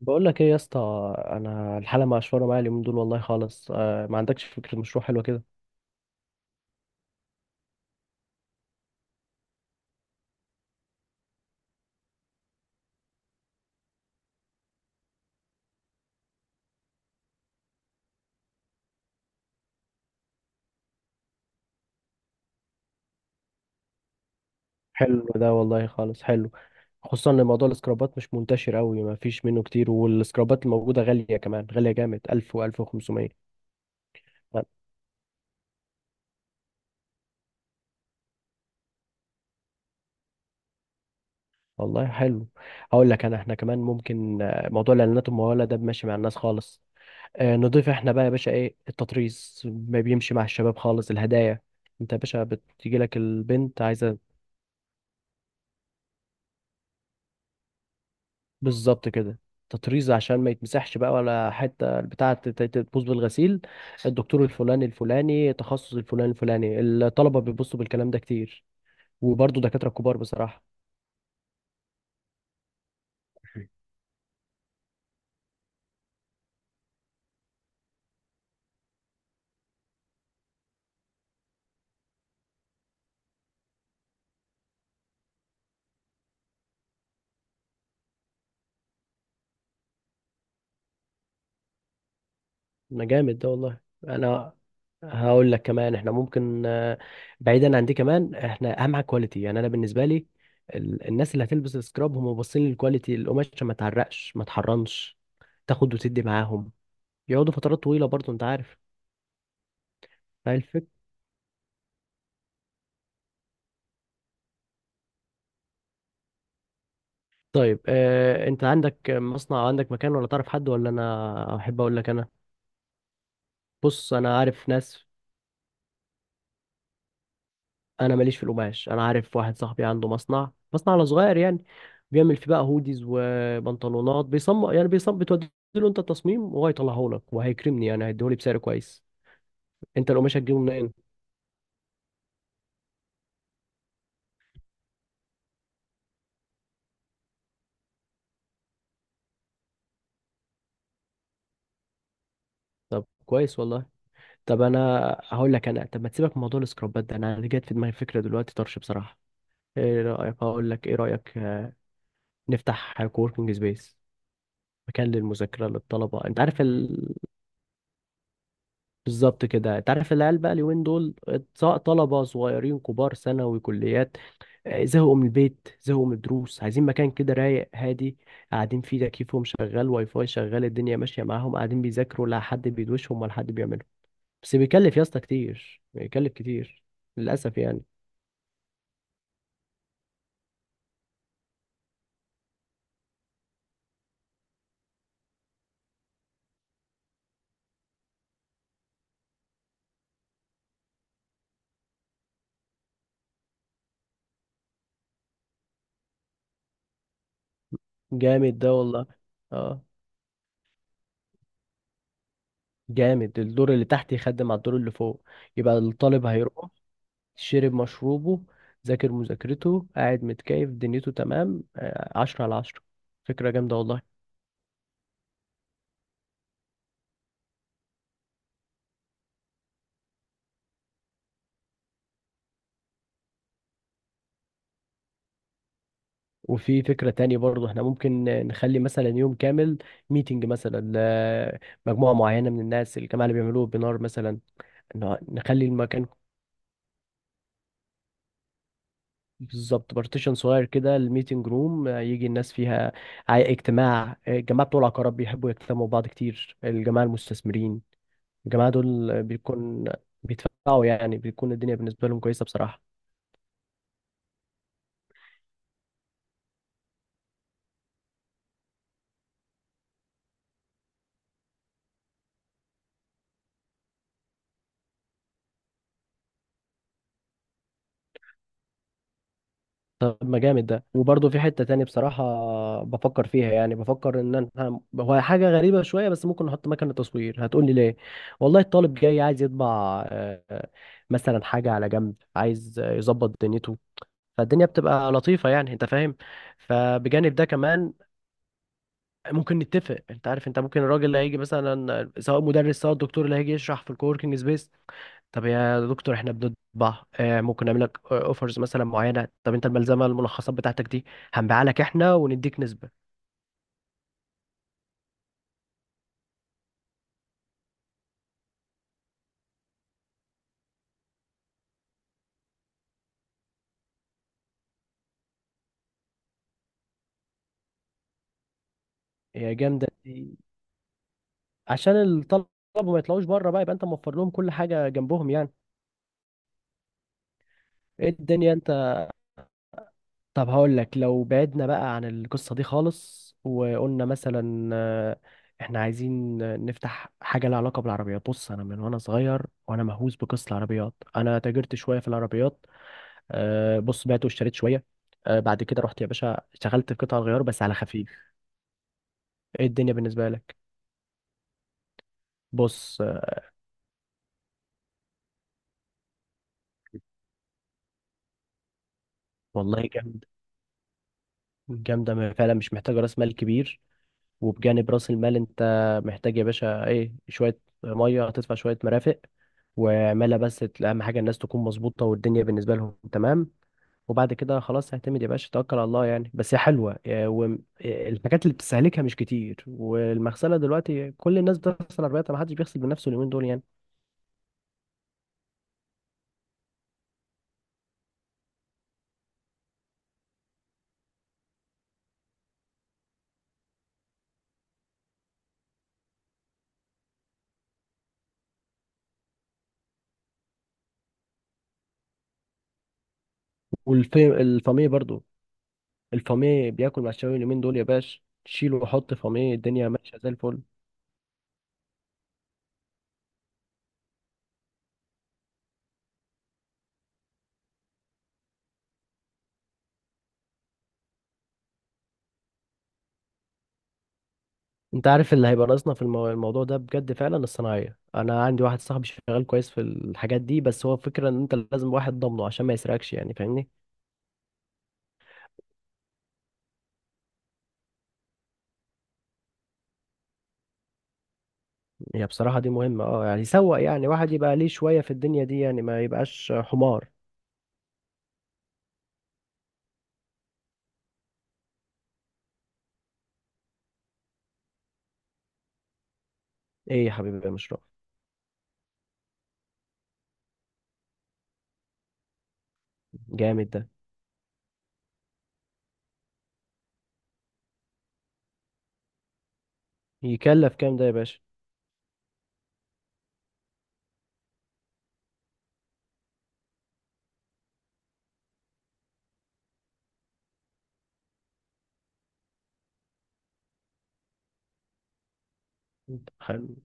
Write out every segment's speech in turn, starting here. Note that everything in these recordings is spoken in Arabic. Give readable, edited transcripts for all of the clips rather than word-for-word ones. بقول لك ايه يا اسطى، انا الحاله مقشوره معايا اليومين دول والله خالص. ما عندكش فكره مشروع حلوه كده؟ حلو ده والله، خالص حلو. خصوصا ان موضوع السكرابات مش منتشر قوي، ما فيش منه كتير، والسكرابات الموجوده غاليه، كمان غاليه جامد، 1000 و1500. والله حلو. هقول لك انا، احنا كمان ممكن موضوع الاعلانات المموله ده ماشي مع الناس خالص. نضيف احنا بقى يا باشا ايه، التطريز ما بيمشي مع الشباب خالص، الهدايا. انت يا باشا بتيجي لك البنت عايزه، بالظبط كده، تطريز عشان ما يتمسحش بقى ولا حته البتاعه تبوظ بالغسيل. الدكتور الفلاني الفلاني، تخصص الفلاني الفلاني، الطلبه بيبصوا بالكلام ده كتير، وبرضه دكاتره كبار بصراحه. ما جامد ده والله. انا هقول لك كمان، احنا ممكن، بعيدا عن دي، كمان احنا اهم حاجه كواليتي يعني انا بالنسبه لي. الناس اللي هتلبس السكراب هم باصين للكواليتي، القماش عشان ما تعرقش ما تحرنش، تاخد وتدي معاهم، يقعدوا فترات طويله برضه انت عارف. طيب انت عندك مصنع او عندك مكان، ولا تعرف حد، ولا انا احب اقول لك انا؟ بص انا عارف ناس، انا ماليش في القماش، انا عارف واحد صاحبي عنده مصنع على صغير يعني، بيعمل فيه بقى هوديز وبنطلونات، بيصمم يعني بيصمم، بتودي له انت التصميم وهو يطلعه لك، وهيكرمني يعني هيديهولي بسعر كويس. انت القماش هتجيبه منين؟ طب كويس والله. طب انا هقول لك انا، طب ما تسيبك من موضوع السكرابات ده، انا جت في دماغي فكره دلوقتي طرش بصراحه. ايه رايك، اقول لك ايه رايك، نفتح كووركينج سبيس، مكان للمذاكرة للطلبة انت عارف بالظبط كده. انت عارف العيال بقى اليومين دول، سواء طلبة صغيرين، كبار، ثانوي، كليات، زهقوا من البيت، زهقوا من الدروس، عايزين مكان كده رايق هادي، قاعدين فيه تكييفهم شغال، واي فاي شغال، الدنيا ماشية معاهم، قاعدين بيذاكروا، لا حد بيدوشهم ولا حد بيعمله. بس بيكلف يا اسطى كتير، بيكلف كتير للأسف يعني. جامد ده والله. اه جامد، الدور اللي تحت يخدم على الدور اللي فوق، يبقى الطالب هيروح، شرب مشروبه، ذاكر مذاكرته، قاعد متكيف، دنيته تمام، 10/10. فكرة جامدة والله. وفي فكرة تانية برضه، احنا ممكن نخلي مثلا يوم كامل ميتنج، مثلا لمجموعة معينة من الناس، الجماعة اللي بيعملوه بنار مثلا، إنه نخلي المكان، بالظبط، بارتيشن صغير كده، الميتنج روم يجي الناس فيها. اجتماع، الجماعة بتوع العقارات بيحبوا يجتمعوا بعض كتير، الجماعة المستثمرين، الجماعة دول بيكون بيدفعوا يعني، بيكون الدنيا بالنسبة لهم كويسة بصراحة. طب ما جامد ده. وبرضه في حتة تاني بصراحة بفكر فيها، يعني بفكر ان انا، هو حاجة غريبة شوية بس، ممكن احط مكنة تصوير. هتقول لي ليه؟ والله الطالب جاي عايز يطبع، آه، آه، مثلا حاجة على جنب عايز يظبط دنيته، فالدنيا بتبقى لطيفة يعني انت فاهم. فبجانب ده كمان، ممكن نتفق، انت عارف، انت ممكن الراجل اللي هيجي مثلا، سواء مدرس سواء الدكتور اللي هيجي يشرح في الكووركينج سبيس، طب يا دكتور احنا بنطبع، ممكن نعمل لك اوفرز مثلا معينه، طب انت الملزمه، الملخصات بتاعتك دي هنبيعها لك احنا ونديك نسبه. يا جامده دي. عشان الطلبه ما يطلعوش بره بقى، يبقى انت موفر لهم كل حاجه جنبهم يعني. ايه الدنيا انت. طب هقول لك، لو بعدنا بقى عن القصه دي خالص، وقلنا مثلا احنا عايزين نفتح حاجه لها علاقه بالعربيات. بص انا من وانا صغير وانا مهووس بقصه العربيات، انا تاجرت شويه في العربيات، بص بعت واشتريت شويه، بعد كده رحت يا باشا اشتغلت في قطع الغيار بس على خفيف. ايه الدنيا بالنسبه لك؟ بص والله جامد، جامده، فعلا مش محتاجه راس مال كبير. وبجانب راس المال انت محتاج يا باشا ايه، شويه ميه هتدفع، شويه مرافق، واعملها بس اهم حاجه الناس تكون مظبوطه والدنيا بالنسبه لهم تمام، وبعد كده خلاص اعتمد يا باشا، توكل على الله يعني، بس هي حلوه. والحاجات اللي بتستهلكها مش كتير، والمغسله دلوقتي كل الناس بتغسل عربيات، ما حدش بيغسل بنفسه اليومين دول يعني. والفاميه برضو، الفاميه بياكل مع الشاوي اليومين دول يا باش، شيل وحط فاميه الدنيا ماشيه زي الفل. انت عارف اللي هيبقى ناقصنا في الموضوع ده بجد فعلا، الصناعيه. انا عندي واحد صاحبي شغال كويس في الحاجات دي، بس هو الفكره ان انت لازم واحد ضامنه عشان ما يسرقكش يعني فاهمني. هي بصراحه دي مهمه، اه يعني يسوق يعني، واحد يبقى ليه شويه في الدنيا دي يعني، ما يبقاش حمار. ايه يا حبيبي يا مشروع. جامد ده. يكلف كام ده يا باشا؟ حلو.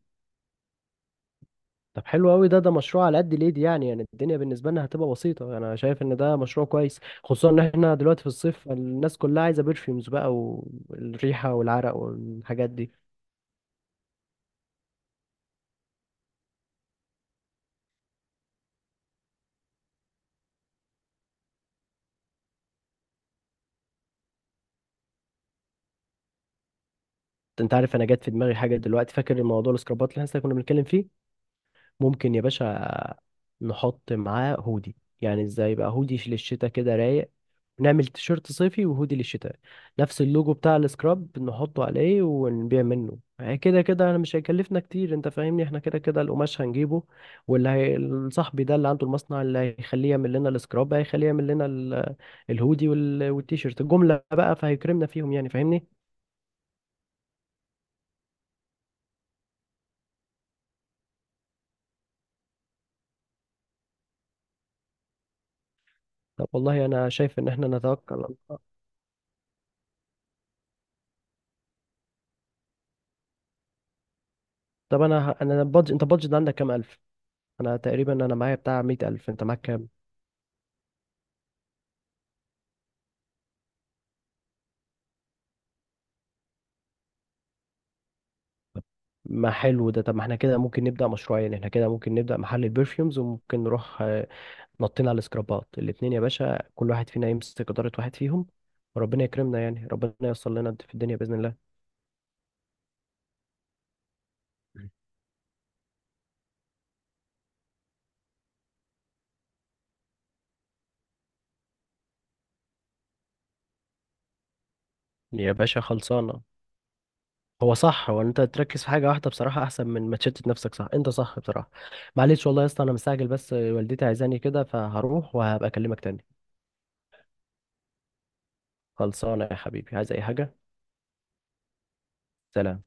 طب حلو قوي ده، ده مشروع على قد الايد يعني الدنيا بالنسبه لنا هتبقى بسيطه. انا شايف ان ده مشروع كويس، خصوصا ان احنا دلوقتي في الصيف، الناس كلها عايزه برفيومز بقى، والريحه والعرق والحاجات دي. انت عارف انا جات في دماغي حاجه دلوقتي، فاكر الموضوع السكرابات اللي احنا كنا بنتكلم فيه؟ ممكن يا باشا نحط معاه هودي، يعني ازاي بقى، هودي للشتاء كده رايق، نعمل تيشيرت صيفي وهودي للشتاء، نفس اللوجو بتاع السكراب نحطه عليه ونبيع منه يعني. كده كده انا مش هيكلفنا كتير، انت فاهمني، احنا كده كده القماش هنجيبه، واللي هي صاحبي ده اللي عنده المصنع، اللي هيخليه يعمل لنا السكراب، هيخليه يعمل لنا الهودي والتيشيرت جملة بقى، فهيكرمنا فيهم يعني فاهمني. طب والله انا شايف ان احنا نتوكل على الله. طب انا انا انت بادجت عندك كام الف؟ انا تقريبا انا معايا بتاع 100 ألف، انت معاك كام؟ ما حلو ده. طب ما احنا كده ممكن نبدأ مشروعين، احنا كده ممكن نبدأ محل البرفيومز، وممكن نروح نطينا على السكرابات الاتنين يا باشا، كل واحد فينا يمسك إدارة واحد فيهم، وربنا يكرمنا يعني، ربنا يوصل لنا في الدنيا بإذن الله. يا باشا خلصانة. هو صح، هو انت تركز في حاجة واحدة بصراحة احسن من ما تشتت نفسك، صح انت، صح بصراحة. معلش والله يا اسطى انا مستعجل، بس والدتي عايزاني كده، فهروح وهبقى اكلمك تاني. خلصانة يا حبيبي، عايز اي حاجة؟ سلام.